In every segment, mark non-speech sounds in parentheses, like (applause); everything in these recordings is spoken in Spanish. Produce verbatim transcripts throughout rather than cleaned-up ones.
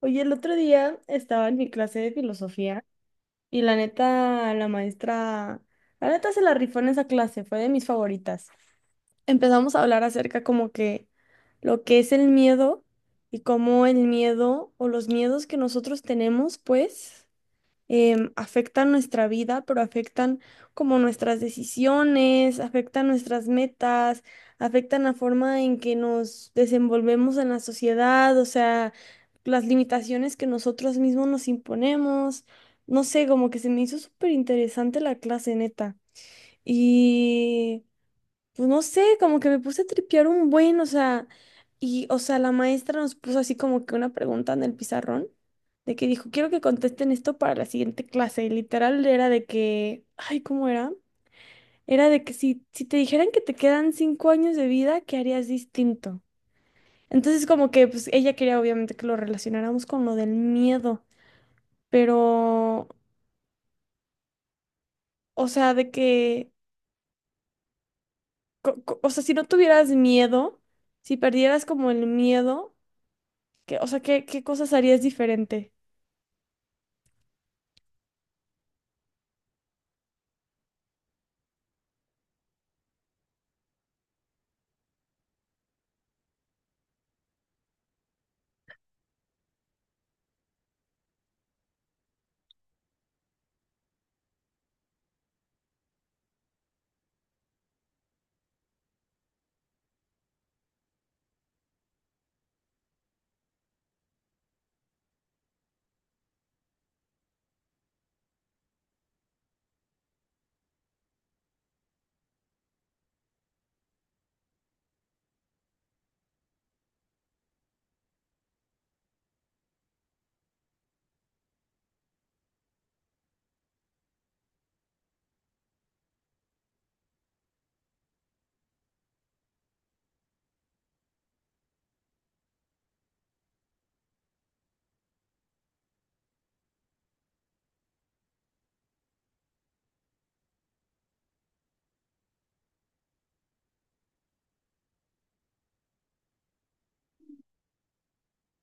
Oye, el otro día estaba en mi clase de filosofía y la neta, la maestra, la neta se la rifó en esa clase, fue de mis favoritas. Empezamos a hablar acerca como que lo que es el miedo y cómo el miedo o los miedos que nosotros tenemos, pues em, afectan nuestra vida, pero afectan como nuestras decisiones, afectan nuestras metas, afectan la forma en que nos desenvolvemos en la sociedad, o sea, las limitaciones que nosotros mismos nos imponemos. No sé, como que se me hizo súper interesante la clase, neta. Y pues no sé, como que me puse a tripear un buen, o sea, y, o sea, la maestra nos puso así como que una pregunta en el pizarrón, de que dijo, quiero que contesten esto para la siguiente clase, y literal era de que, ay, ¿cómo era? Era de que si, si te dijeran que te quedan cinco años de vida, ¿qué harías distinto? Entonces como que, pues ella quería obviamente que lo relacionáramos con lo del miedo, pero, o sea, de que, co- co- o sea, si no tuvieras miedo, si perdieras como el miedo. ¿Qué? O sea, ¿qué, qué cosas harías diferente?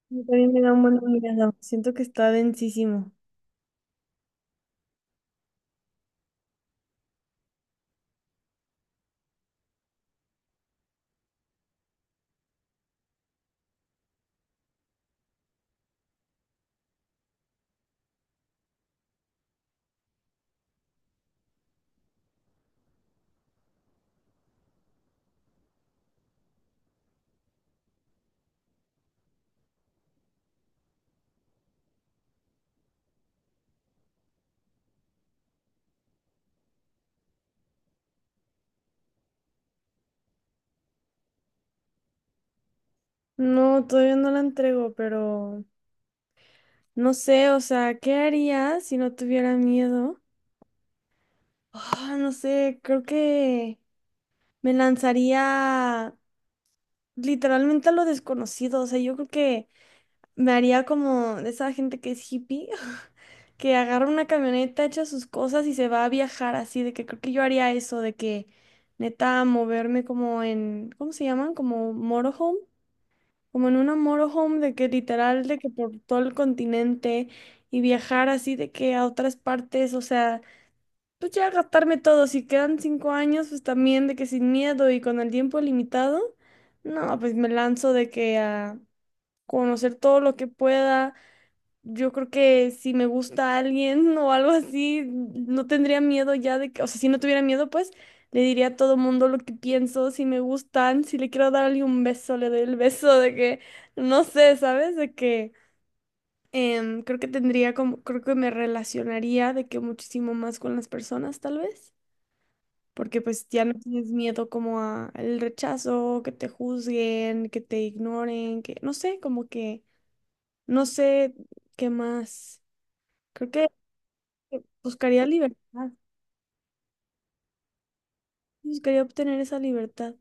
Yo también me da un buen de miedo. Siento que está densísimo. No, todavía no la entrego, pero no sé, o sea, ¿qué haría si no tuviera miedo? Ah, no sé, creo que me lanzaría literalmente a lo desconocido, o sea, yo creo que me haría como de esa gente que es hippie. (laughs) Que agarra una camioneta, echa sus cosas y se va a viajar así, de que creo que yo haría eso, de que neta moverme como en, ¿cómo se llaman? Como motorhome, como en una motorhome de que literal, de que por todo el continente y viajar así de que a otras partes, o sea, pues ya gastarme todo, si quedan cinco años, pues también de que sin miedo y con el tiempo limitado, no, pues me lanzo de que a conocer todo lo que pueda. Yo creo que si me gusta alguien (laughs) o algo así, no tendría miedo ya de que, o sea, si no tuviera miedo, pues le diría a todo mundo lo que pienso, si me gustan, si le quiero darle un beso, le doy el beso de que, no sé, ¿sabes? De que em, creo que tendría como, creo que me relacionaría de que muchísimo más con las personas, tal vez, porque pues ya no tienes miedo como a el rechazo, que te juzguen, que te ignoren, que, no sé, como que, no sé qué más. Creo que buscaría libertad, buscaría obtener esa libertad.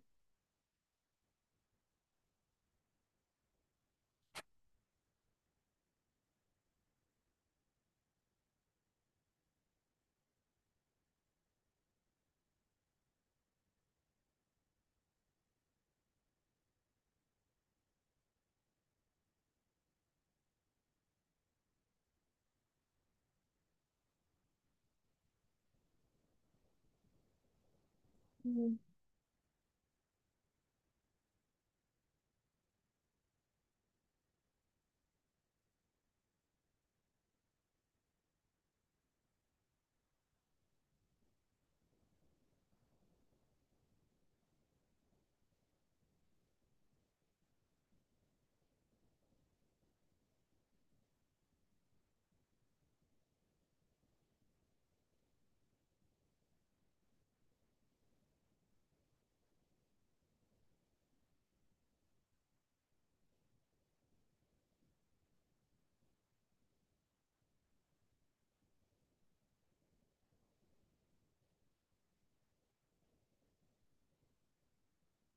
Mm.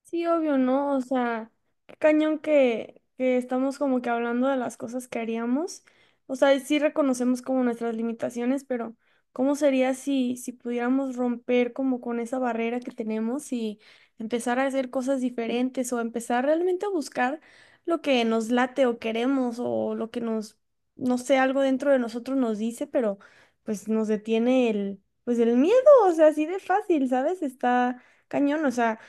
Sí, obvio, ¿no? O sea, qué cañón que, que estamos como que hablando de las cosas que haríamos. O sea, y sí reconocemos como nuestras limitaciones, pero ¿cómo sería si, si pudiéramos romper como con esa barrera que tenemos y empezar a hacer cosas diferentes o empezar realmente a buscar lo que nos late o queremos o lo que nos, no sé, algo dentro de nosotros nos dice, pero pues nos detiene el, pues el miedo, o sea, así de fácil, ¿sabes? Está cañón, o sea.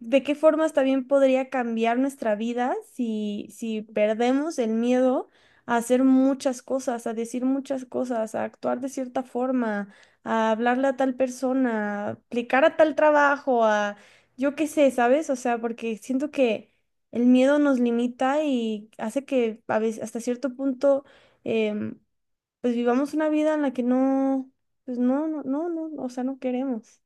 ¿De qué formas también podría cambiar nuestra vida si, si perdemos el miedo a hacer muchas cosas, a decir muchas cosas, a actuar de cierta forma, a hablarle a tal persona, a aplicar a tal trabajo, a yo qué sé, ¿sabes? O sea, porque siento que el miedo nos limita y hace que a veces hasta cierto punto em, pues vivamos una vida en la que no, pues no, no, no, no, o sea, no queremos.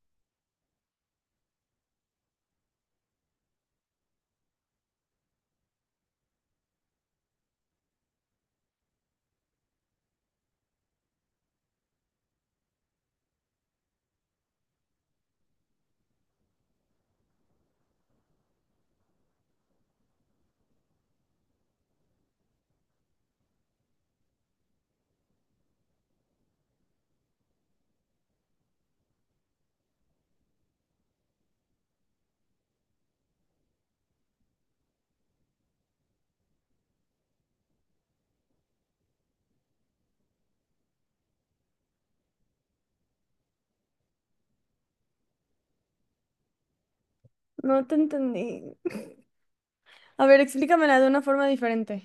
No te entendí. A ver, explícamela de una forma diferente.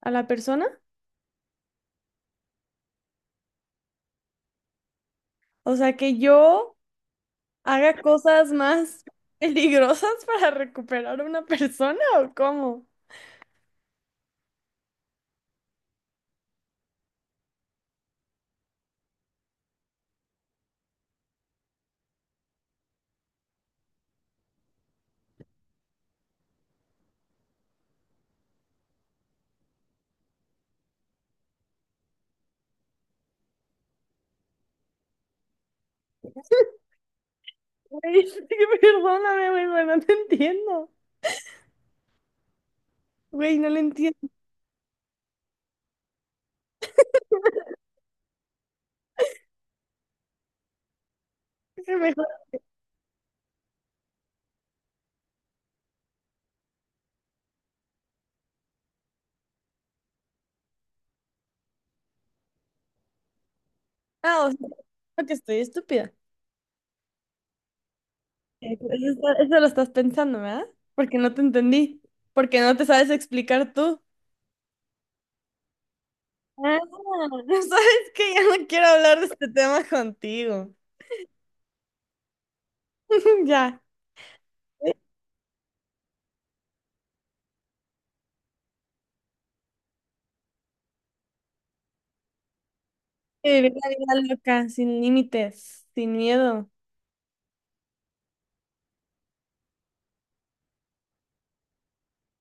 ¿A la persona? O sea, que yo haga cosas más (laughs) peligrosas para recuperar a una persona, ¿o cómo? Güey, (laughs) es que perdóname, güey, pero no te entiendo. Güey, no le entiendo. (laughs) Mejor. Ah, o sea, creo que estoy estúpida. Eh, pues eso, eso lo estás pensando, ¿verdad? Porque no te entendí. Porque no te sabes explicar tú. Ah, (laughs) ¿sabes que Ya no quiero hablar de este tema contigo. (laughs) Ya. Vivir la vida loca, sin límites, sin miedo.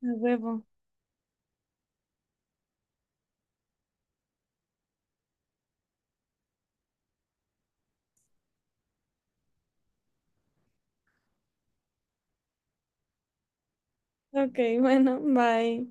A huevo. Ok, (laughs) bueno, bye.